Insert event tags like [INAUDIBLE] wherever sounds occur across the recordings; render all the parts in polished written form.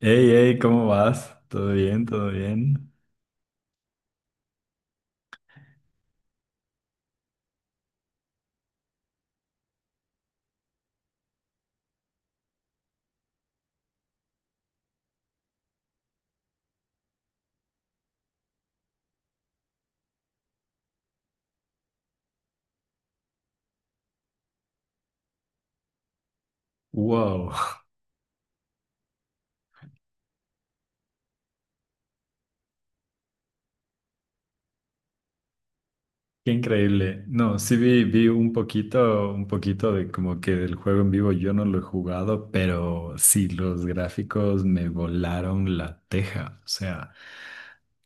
Hey, hey, ¿cómo vas? ¿Todo bien? ¿Todo bien? Wow, [LAUGHS] qué increíble. No, sí vi, vi un poquito de como que del juego en vivo yo no lo he jugado, pero sí, los gráficos me volaron la teja. O sea,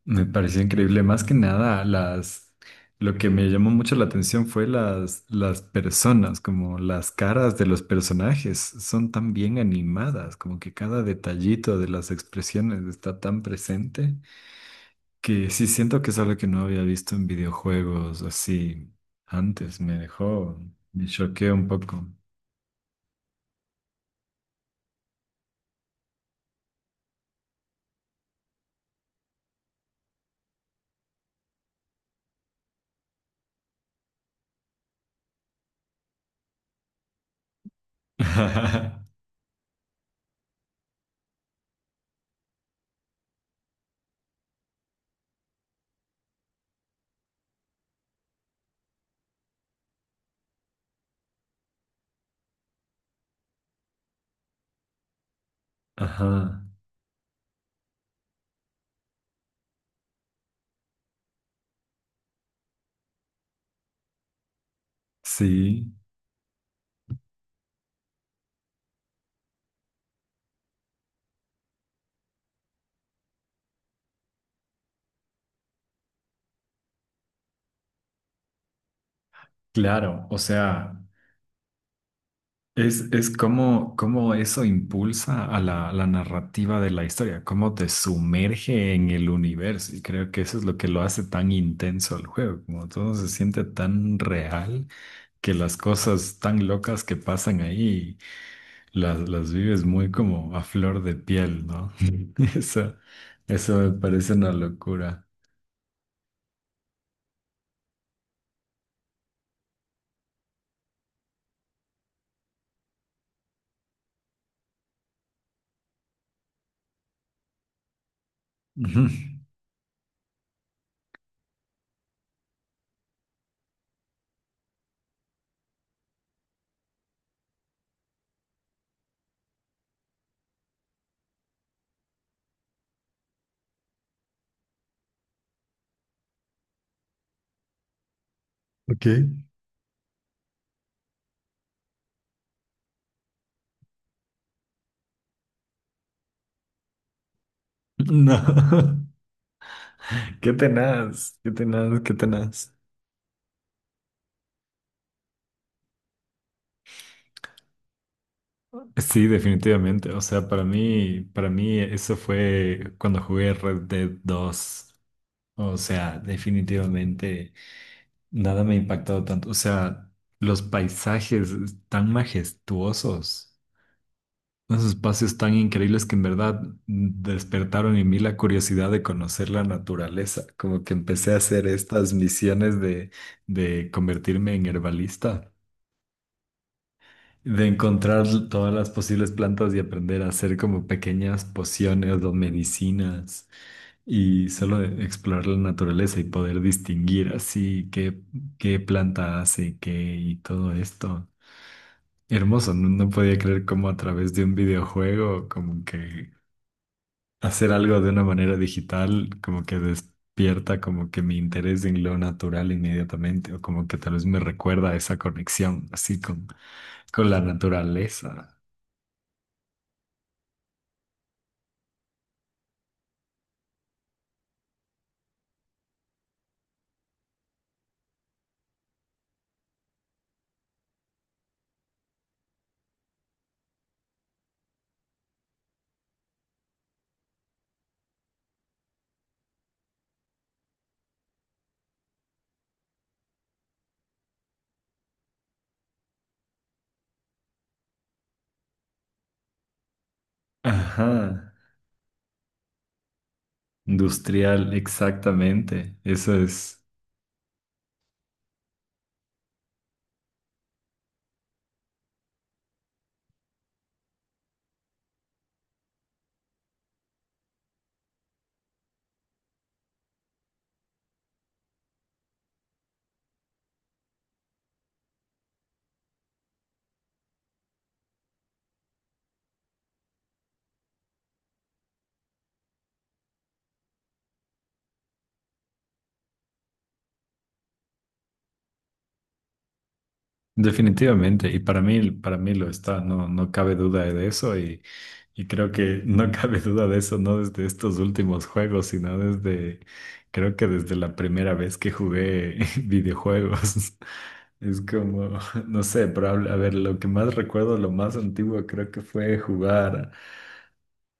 me pareció increíble. Más que nada, lo que me llamó mucho la atención fue las personas, como las caras de los personajes son tan bien animadas, como que cada detallito de las expresiones está tan presente. Que sí siento que es algo que no había visto en videojuegos así antes. Me choqueó un poco. [LAUGHS] Ajá, sí, claro. O sea, es como, como eso impulsa a la narrativa de la historia, cómo te sumerge en el universo. Y creo que eso es lo que lo hace tan intenso el juego, como todo se siente tan real que las cosas tan locas que pasan ahí. Las vives muy como a flor de piel, ¿no? [LAUGHS] Eso, eso me parece una locura. Ujú. Ok. No, [LAUGHS] qué tenaz, qué tenaz, qué tenaz. Sí, definitivamente. O sea, para mí eso fue cuando jugué Red Dead 2. O sea, definitivamente nada me ha impactado tanto. O sea, los paisajes tan majestuosos. Unos espacios tan increíbles que en verdad despertaron en mí la curiosidad de conocer la naturaleza. Como que empecé a hacer estas misiones de convertirme en herbalista, de encontrar todas las posibles plantas y aprender a hacer como pequeñas pociones o medicinas y solo de explorar la naturaleza y poder distinguir así qué planta hace qué y todo esto. Hermoso, no, no podía creer cómo a través de un videojuego, como que hacer algo de una manera digital, como que despierta como que mi interés en lo natural inmediatamente, o como que tal vez me recuerda a esa conexión, así con la naturaleza. Ajá, industrial, exactamente. Eso es. Definitivamente, y para mí lo está, no, no cabe duda de eso, y creo que no [LAUGHS] cabe duda de eso, no desde estos últimos juegos, sino desde, creo que desde la primera vez que jugué [LAUGHS] videojuegos. Es como, [LAUGHS] no sé, probable, a ver, lo que más recuerdo, lo más antiguo creo que fue jugar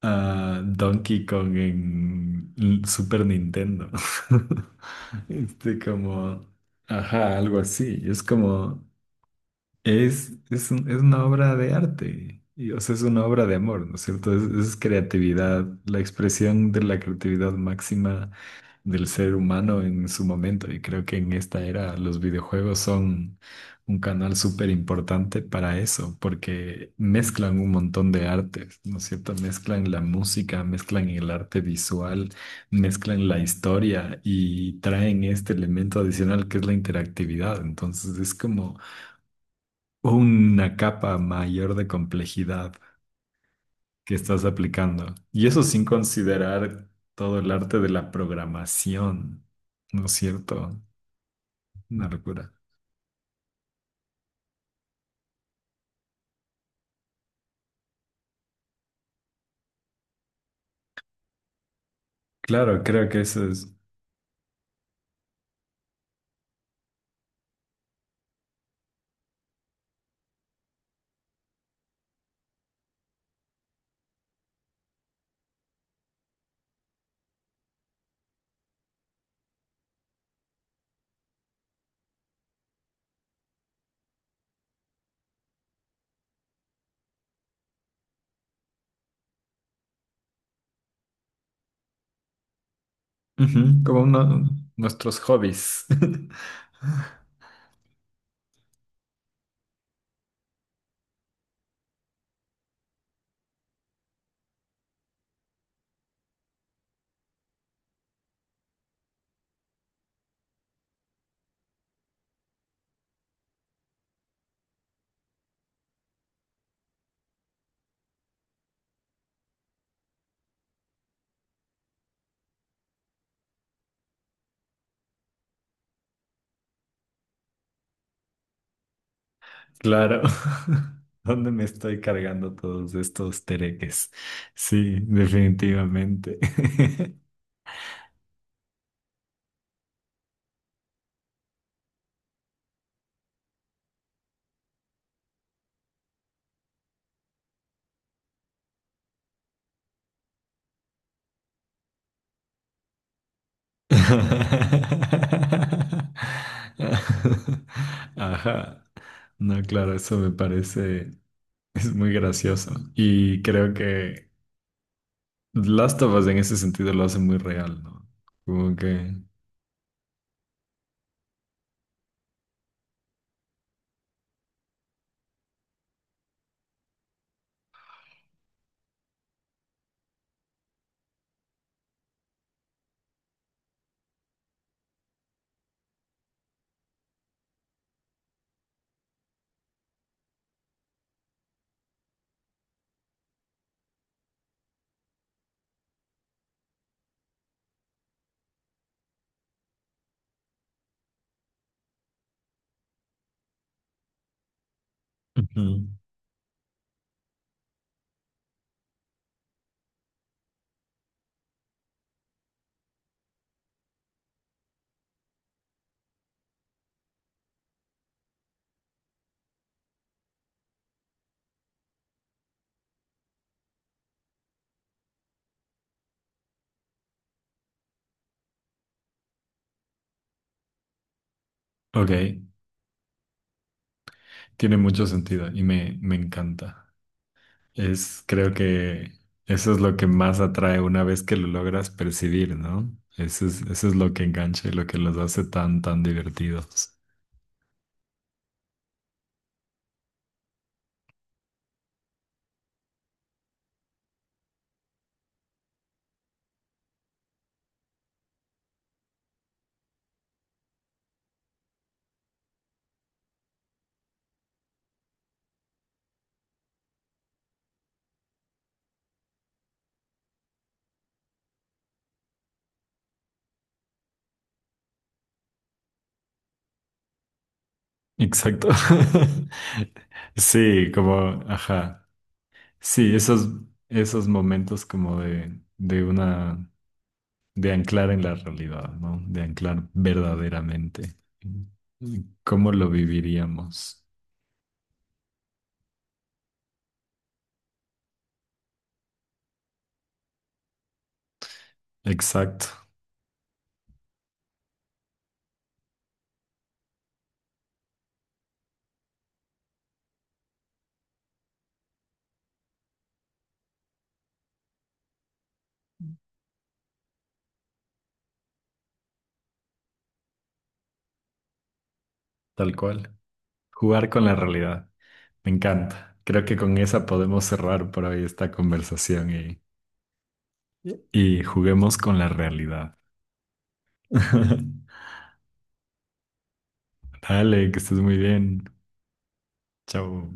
a Donkey Kong en l- Super Nintendo. [LAUGHS] Este como, ajá, algo así, es como... un- es una obra de arte, y, o sea, es una obra de amor, ¿no es cierto? Es creatividad, la expresión de la creatividad máxima del ser humano en su momento. Y creo que en esta era los videojuegos son un canal súper importante para eso, porque mezclan un montón de artes, ¿no es cierto? Mezclan la música, mezclan el arte visual, mezclan la historia y traen este elemento adicional que es la interactividad. Entonces es como una capa mayor de complejidad que estás aplicando. Y eso sin considerar todo el arte de la programación, ¿no es cierto? Una locura. Claro, creo que eso es ujú, como uno, nuestros hobbies. [LAUGHS] Claro. [LAUGHS] ¿Dónde me estoy cargando todos estos tereques? Sí, definitivamente. [LAUGHS] [LAUGHS] Ajá. No, claro, eso me parece, es muy gracioso. Y creo que Last of Us en ese sentido lo hace muy real, ¿no? Como que... Ujú. Ok, tiene mucho sentido y me encanta. Es, creo que eso es lo que más atrae una vez que lo logras percibir, ¿no? Eso es lo que engancha y lo que los hace tan divertidos. Exacto. [LAUGHS] Sí, como, ajá. Sí, esos, esos momentos como de una, de anclar en la realidad, ¿no? De anclar verdaderamente. ¿Cómo lo viviríamos? Exacto, tal cual. Jugar con la realidad. Me encanta. Creo que con esa podemos cerrar por hoy esta conversación y juguemos con la realidad. [LAUGHS] Dale, que estés muy bien. Chao.